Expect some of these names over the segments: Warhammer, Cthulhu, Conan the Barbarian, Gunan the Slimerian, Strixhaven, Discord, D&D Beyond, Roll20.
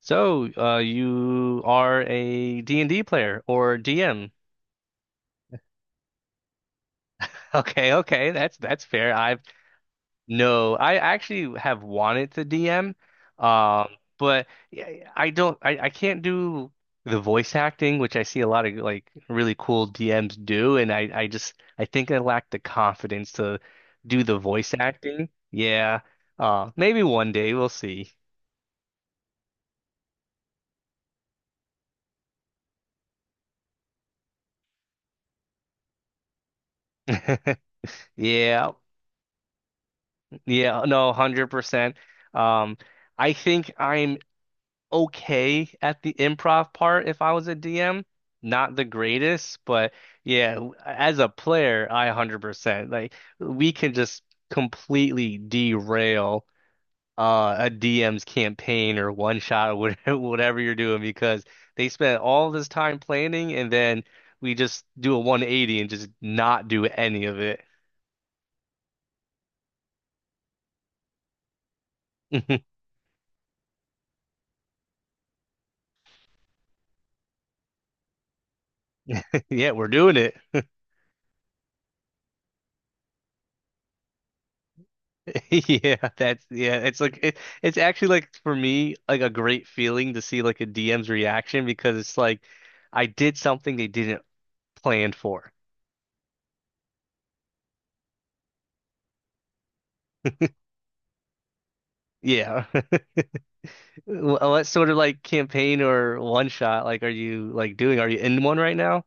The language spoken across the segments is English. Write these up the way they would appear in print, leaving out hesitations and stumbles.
So, you are a D and d player or DM. Okay, okay, that's fair. I've No, I actually have wanted to DM, um, but yeah, I don't, I can't do the voice acting, which I see a lot of like really cool DMs do, and I just, I think I lack the confidence to do the voice acting. Yeah, maybe one day we'll see. Yeah. Yeah, no, 100%. Um, I think I'm okay at the improv part if I was a DM. Not the greatest, but yeah, as a player, I 100%. Like we can just completely derail a DM's campaign or one shot or whatever, whatever you're doing because they spent all this time planning and then we just do a 180 and just not do any of it. Yeah, we're doing it. Yeah, that's yeah. It's like it's actually like for me like a great feeling to see like a DM's reaction because it's like I did something they didn't plan for. Yeah. What sort of like campaign or one shot like are you like doing? Are you in one right now?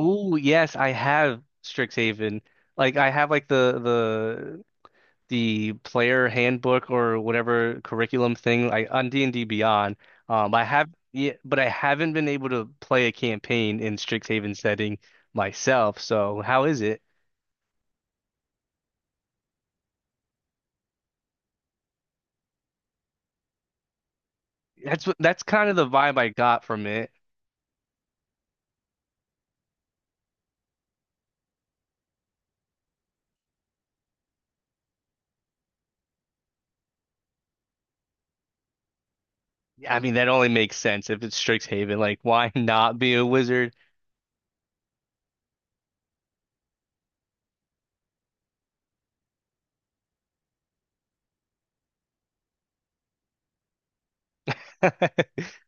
Ooh, yes, I have Strixhaven. Like I have like the player handbook or whatever curriculum thing like on D&D Beyond. I have, yeah, but I haven't been able to play a campaign in Strixhaven setting myself. So how is it? That's kind of the vibe I got from it. Yeah, I mean, that only makes sense if it's Strixhaven. Like, why not be a wizard?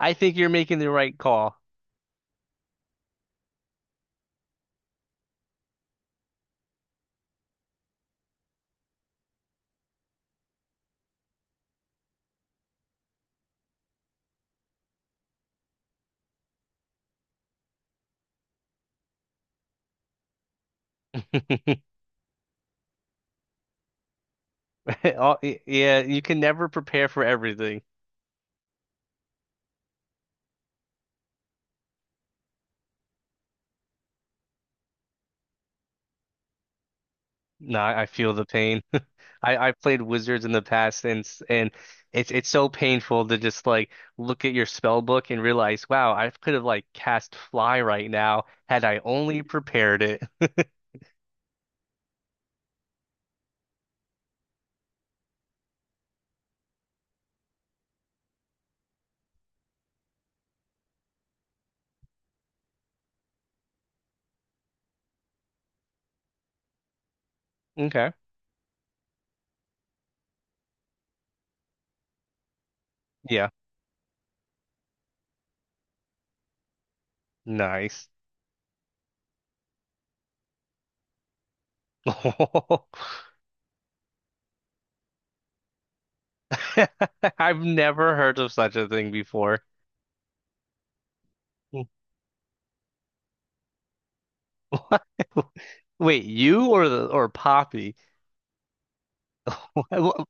I think you're making the right call. Oh, yeah, you can never prepare for everything. No, I feel the pain. I played Wizards in the past and it's so painful to just like look at your spell book and realize, wow, I could have like cast fly right now had I only prepared it. Okay. Yeah. Nice. I've never heard of such a thing before. Wait, you or the or Poppy?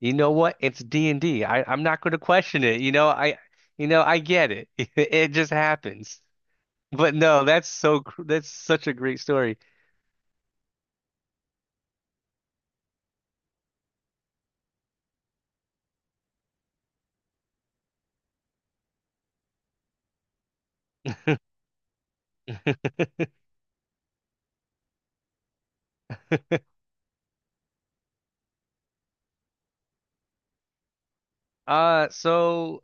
You know what? It's D&D. Am not going to question it. You know, I get it. It just happens. But no, that's that's such a great story. So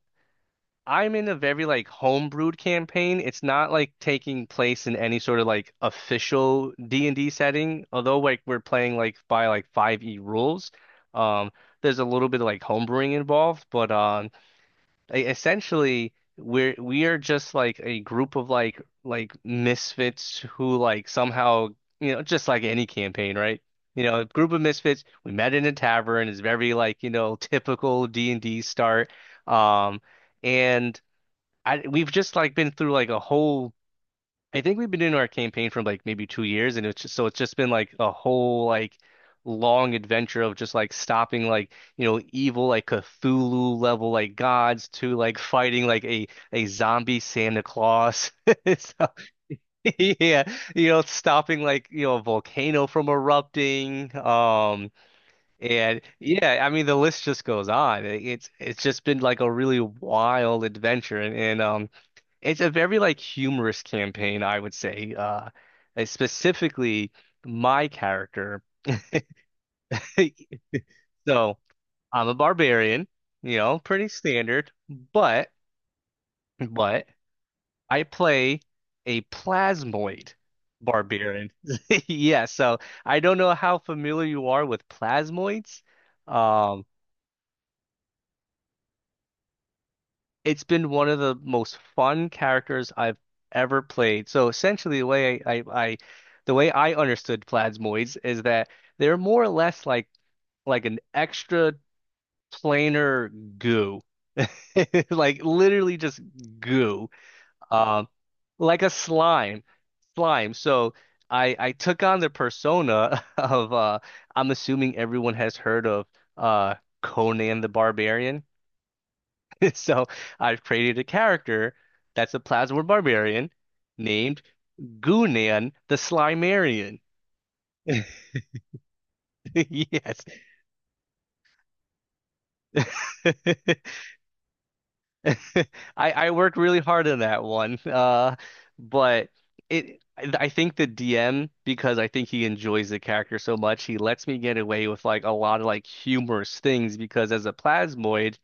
I'm in a very like homebrewed campaign. It's not like taking place in any sort of like official D&D setting, although like we're playing like by like 5e rules. Um, there's a little bit of like homebrewing involved, but essentially we are just like a group of like misfits who like somehow, you know, just like any campaign, right, you know, a group of misfits we met in a tavern is very like, you know, typical D&D start. um and I we've just like been through like a whole. I think we've been doing our campaign for like maybe 2 years, and it's just, so it's just been like a whole like long adventure of just like stopping like, you know, evil like Cthulhu level like gods to like fighting like a zombie Santa Claus. So, yeah, you know, stopping like, you know, a volcano from erupting. And yeah, I mean the list just goes on. It's just been like a really wild adventure, and, and. It's a very like humorous campaign, I would say. Specifically my character. So I'm a barbarian, you know, pretty standard, but but I play a plasmoid barbarian. Yeah, so I don't know how familiar you are with plasmoids. Um, it's been one of the most fun characters I've ever played. So essentially, the way I understood Plasmoids is that they're more or less like an extra planar goo, like literally just goo, um, like a slime. So I took on the persona of I'm assuming everyone has heard of uh Conan the Barbarian. So I've created a character that's a plasmid barbarian named Gunan the Slimerian. Yes. I worked really hard on that one. But it I think the DM, because I think he enjoys the character so much, he lets me get away with like a lot of like humorous things because as a plasmoid,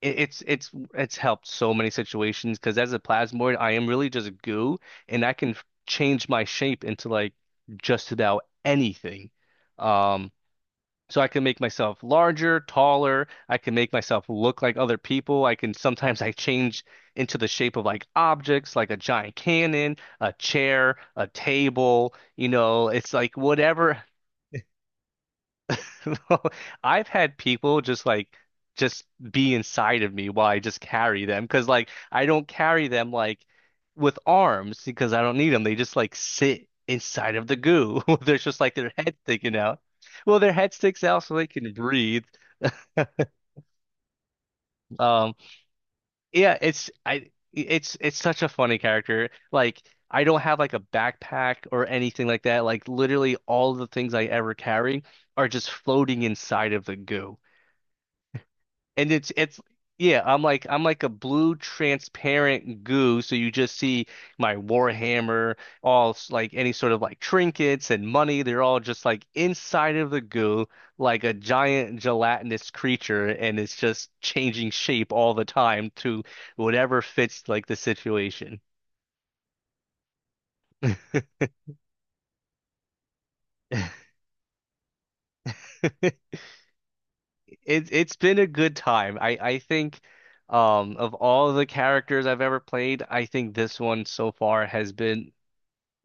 it's helped so many situations because as a plasmoid, I am really just goo, and I can change my shape into like just about anything. Um, so I can make myself larger, taller. I can make myself look like other people. I can Sometimes I change into the shape of like objects, like a giant cannon, a chair, a table. You know, it's like whatever. I've had people just be inside of me while I just carry them because like I don't carry them like with arms because I don't need them. They just like sit inside of the goo. There's just like their head sticking out. Well, their head sticks out so they can breathe. Um, yeah, it's I it's such a funny character. Like I don't have like a backpack or anything like that. Like literally all the things I ever carry are just floating inside of the goo. And it's yeah, I'm like a blue transparent goo, so you just see my Warhammer, all like any sort of like trinkets and money, they're all just like inside of the goo, like a giant gelatinous creature, and it's just changing shape all the time to whatever fits like the situation. It's been a good time. I think, of all the characters I've ever played, I think this one so far has been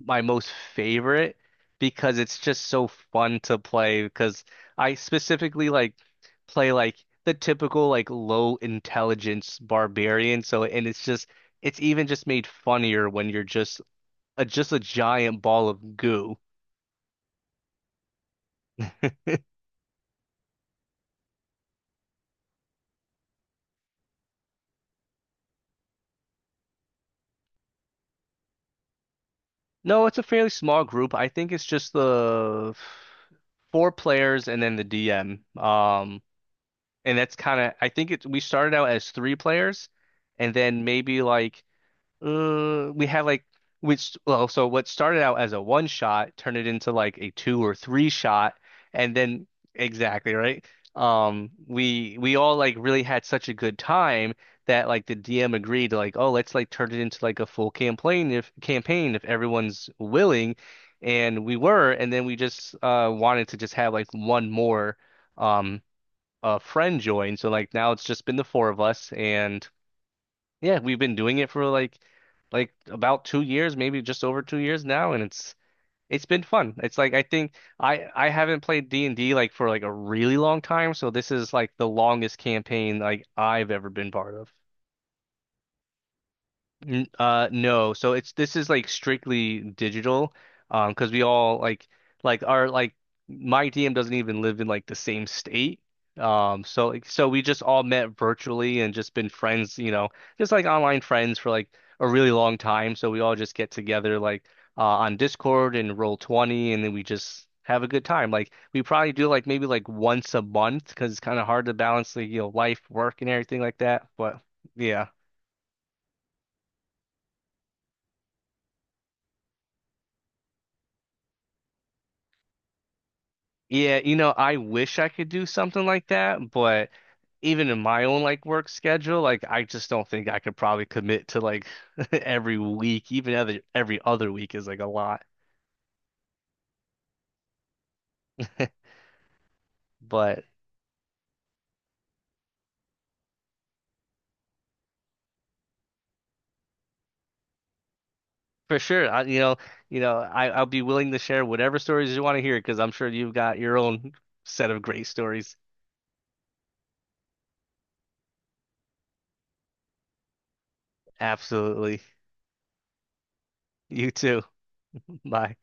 my most favorite because it's just so fun to play because I specifically like play like the typical like low intelligence barbarian, so, and it's just it's even just made funnier when you're just just a giant ball of goo. No, it's a fairly small group. I think it's just the four players and then the DM. And that's kind of, I think it we started out as three players and then maybe like we had like which well, so what started out as a one shot turned it into like a two or three shot, and then exactly right. We all like really had such a good time that like the DM agreed to like, oh, let's like turn it into like a full campaign, if everyone's willing, and we were, and then we just wanted to just have like one more um a friend join, so like now it's just been the four of us and. Yeah, we've been doing it for like about 2 years, maybe just over 2 years now, and it's been fun. It's like I think I haven't played D&D like for like a really long time, so this is like the longest campaign like I've ever been part of. N no, so it's this is like strictly digital, because we all like our like my DM doesn't even live in like the same state, so we just all met virtually and just been friends, you know, just like online friends for like a really long time. So we all just get together like on Discord and Roll20, and then we just have a good time. Like we probably do like maybe like once a month because it's kind of hard to balance like, you know, life, work, and everything like that. But yeah. Yeah, you know, I wish I could do something like that, but even in my own like work schedule, like I just don't think I could probably commit to like every week, even other every other week is like a lot. But for sure, I, you know, I I'll be willing to share whatever stories you want to hear because I'm sure you've got your own set of great stories. Absolutely. You too. Bye.